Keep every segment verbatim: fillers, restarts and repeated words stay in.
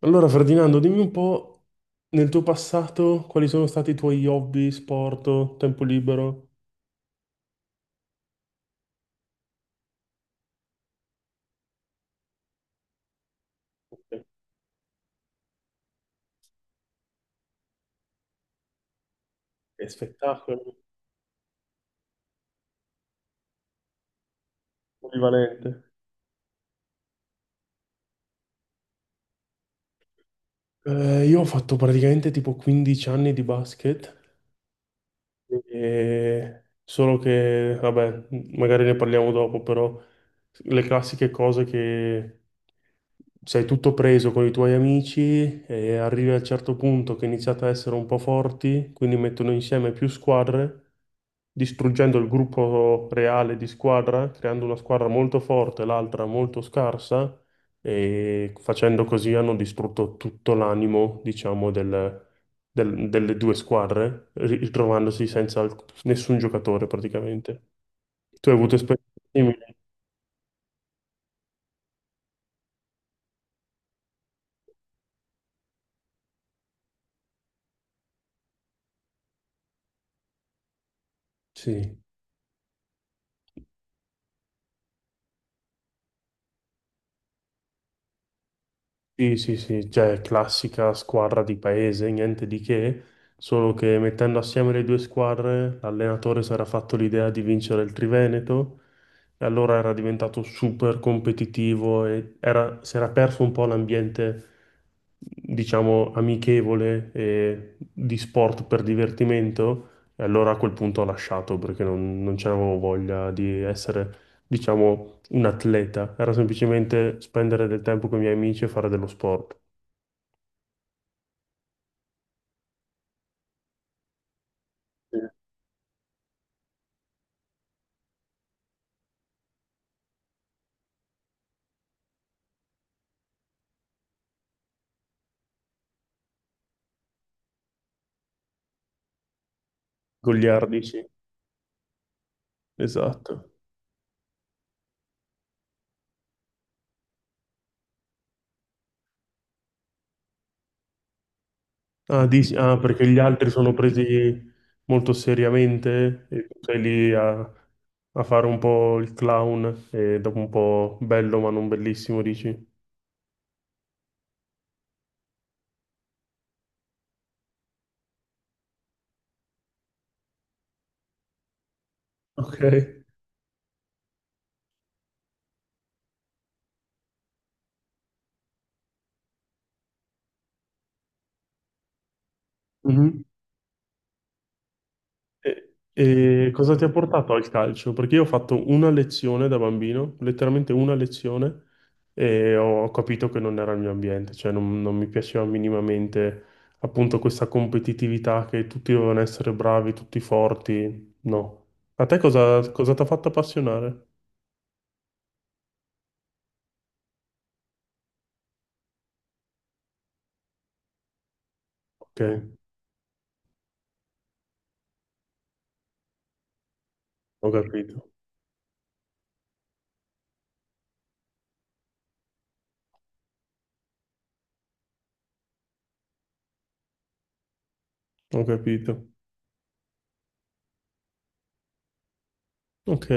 Allora, Ferdinando, dimmi un po' nel tuo passato quali sono stati i tuoi hobby, sport, tempo libero? Ok. Che spettacolo, polivalente. Eh, io ho fatto praticamente tipo quindici anni di basket. E- solo che, vabbè, magari ne parliamo dopo, però le classiche cose che sei tutto preso con i tuoi amici e arrivi a un certo punto che iniziate a essere un po' forti, quindi mettono insieme più squadre, distruggendo il gruppo reale di squadra, creando una squadra molto forte e l'altra molto scarsa, e facendo così hanno distrutto tutto l'animo, diciamo, del del- delle due squadre, ri- ritrovandosi senza alc- nessun giocatore praticamente. Tu hai avuto esperienze simili? Sì. Sì, sì, sì, cioè classica squadra di paese, niente di che, solo che mettendo assieme le due squadre, l'allenatore si era fatto l'idea di vincere il Triveneto e allora era diventato super competitivo e era- si era perso un po' l'ambiente, diciamo, amichevole e di sport per divertimento, e allora a quel punto ho lasciato perché non, non c'avevo voglia di essere, diciamo, un atleta, era semplicemente spendere del tempo con i miei amici e fare dello sport. Goliardi, sì, esatto. Ah, dici- ah, perché gli altri sono presi molto seriamente e tu sei lì a, a fare un po' il clown e dopo un po' bello ma non bellissimo, dici? Ok. Mhm. E, e cosa ti ha portato al calcio? Perché io ho fatto una lezione da bambino, letteralmente una lezione, e ho capito che non era il mio ambiente, cioè non, non mi piaceva minimamente appunto questa competitività che tutti dovevano essere bravi, tutti forti. No. A te cosa, cosa ti ha fatto appassionare? Ok, ho capito, ho capito. Ok.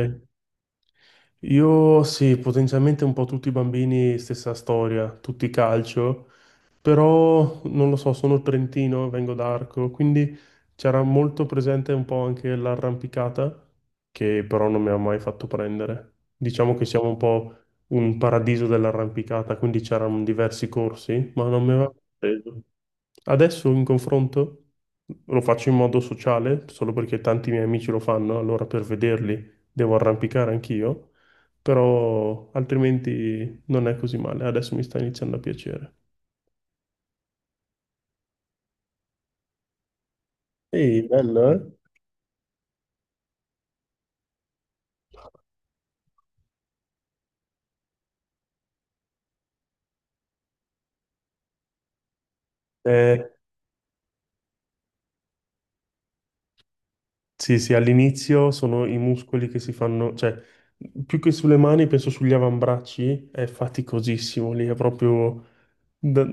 Io sì, potenzialmente un po' tutti i bambini, stessa storia, tutti calcio. Però non lo so, sono trentino, vengo da Arco, quindi c'era molto presente un po' anche l'arrampicata, che però non mi ha mai fatto prendere. Diciamo che siamo un po' un paradiso dell'arrampicata, quindi c'erano diversi corsi, ma non mi aveva preso. Adesso in confronto lo faccio in modo sociale, solo perché tanti miei amici lo fanno, allora per vederli devo arrampicare anch'io, però altrimenti non è così male, adesso mi sta iniziando a piacere. Sì, bello, eh? Eh, sì, sì, all'inizio sono i muscoli che si fanno, cioè, più che sulle mani, penso sugli avambracci, è faticosissimo lì, è proprio... Da-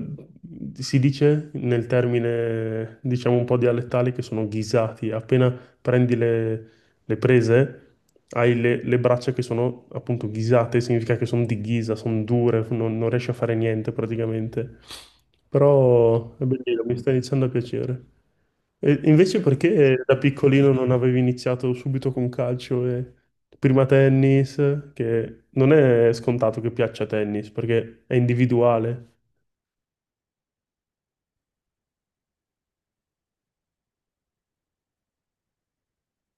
si dice nel termine, diciamo un po' dialettale, che sono ghisati. Appena prendi le, le prese, hai le, le braccia che sono appunto ghisate, significa che sono di ghisa, sono dure, non, non riesci a fare niente praticamente. Però è bello, mi sta iniziando a piacere. E invece perché da piccolino non avevi iniziato subito con calcio e prima tennis, che non è scontato che piaccia tennis, perché è individuale.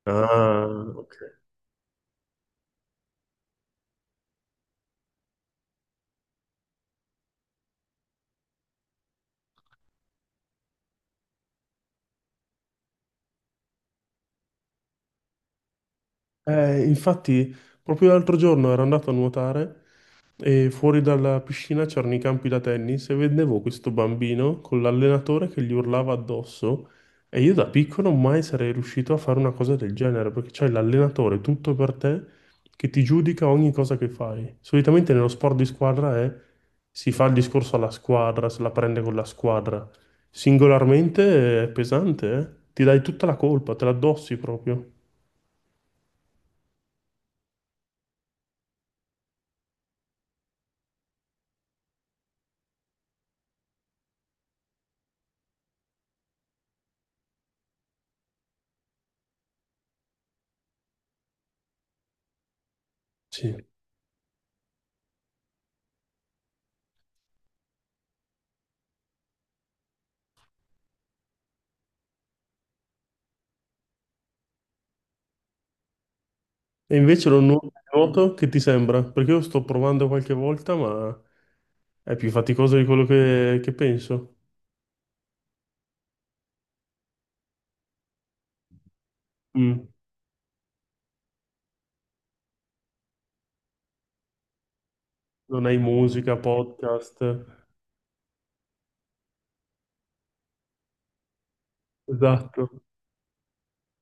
Ah, ok. Eh, infatti, proprio l'altro giorno ero andato a nuotare e fuori dalla piscina c'erano i campi da tennis e vedevo questo bambino con l'allenatore che gli urlava addosso, e io da piccolo mai sarei riuscito a fare una cosa del genere perché c'hai l'allenatore tutto per te che ti giudica ogni cosa che fai. Solitamente nello sport di squadra è si fa il discorso alla squadra, se la prende con la squadra. Singolarmente è pesante, eh? Ti dai tutta la colpa, te la addossi proprio. Sì. E invece lo nuoto nuoto che ti sembra? Perché io sto provando qualche volta, ma è più faticoso di quello che, che penso. Mm. Non hai musica, podcast. Esatto.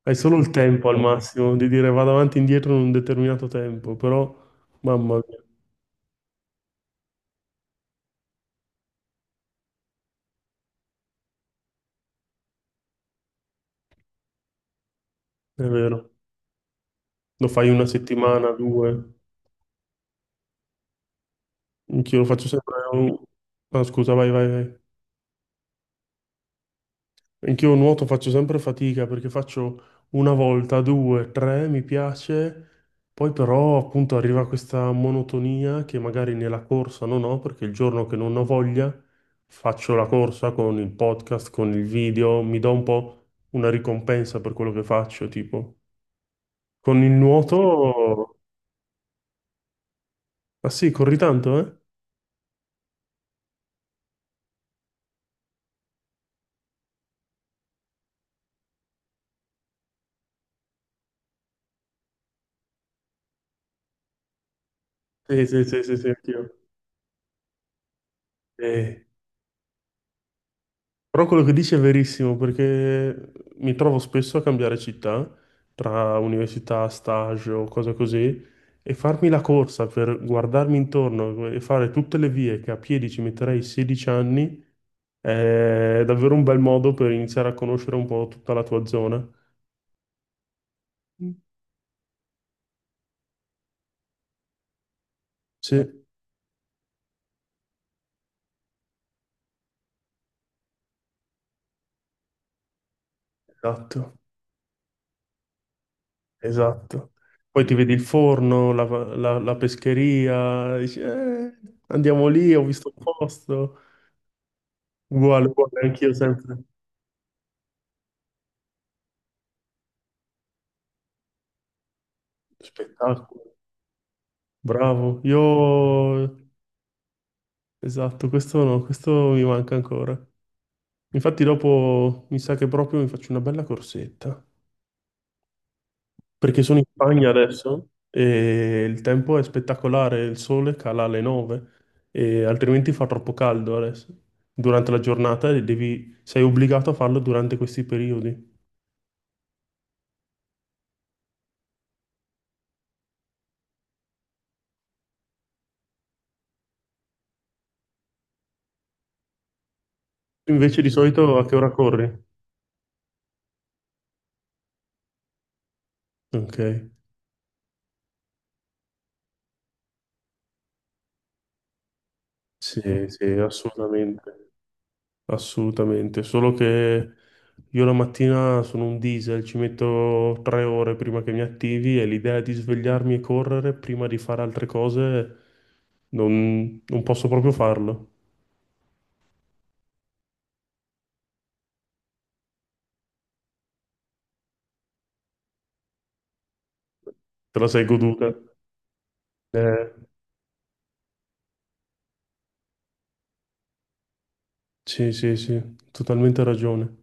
Hai solo il tempo al massimo di dire vado avanti e indietro in un determinato tempo, però mamma mia, è vero. Lo fai una settimana, due. Anch'io lo faccio sempre. eh, un- Ah, scusa, vai, vai, vai. Anch'io nuoto faccio sempre fatica perché faccio una volta, due, tre, mi piace, poi però appunto arriva questa monotonia che magari nella corsa non ho perché il giorno che non ho voglia faccio la corsa con il podcast, con il video, mi do un po' una ricompensa per quello che faccio, tipo. Con il nuoto... Ah sì, corri tanto, eh? Sì, sì, sì, sì, sì, anch'io. Eh, Però quello che dici è verissimo, perché mi trovo spesso a cambiare città tra università, stage o cose così, e farmi la corsa per guardarmi intorno e fare tutte le vie che a piedi ci metterei sedici anni è davvero un bel modo per iniziare a conoscere un po' tutta la tua zona. Mm. Sì, esatto, esatto. Poi ti vedi il forno, la, la- la pescheria, dici, "Eh, andiamo lì, ho visto un posto." Uguale, uguale, anch'io sempre. Spettacolo. Bravo. Io... Esatto, questo no, questo mi manca ancora. Infatti dopo mi sa che proprio mi faccio una bella corsetta. Perché sono in Spagna adesso e il tempo è spettacolare, il sole cala alle nove e altrimenti fa troppo caldo adesso. Durante la giornata, e devi... sei obbligato a farlo durante questi periodi. Invece di solito a che ora corri? Ok, sì, sì, assolutamente. Assolutamente, solo che io la mattina sono un diesel, ci metto tre ore prima che mi attivi e l'idea di svegliarmi e correre prima di fare altre cose non, non posso proprio farlo. Te la sei goduta? Eh, sì, sì, sì, totalmente ragione.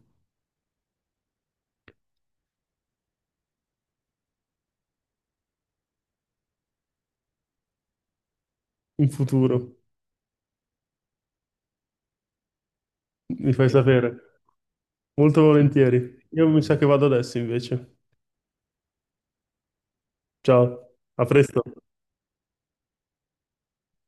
In futuro, mi fai sapere. Molto volentieri. Io mi sa che vado adesso invece. Ciao, a presto.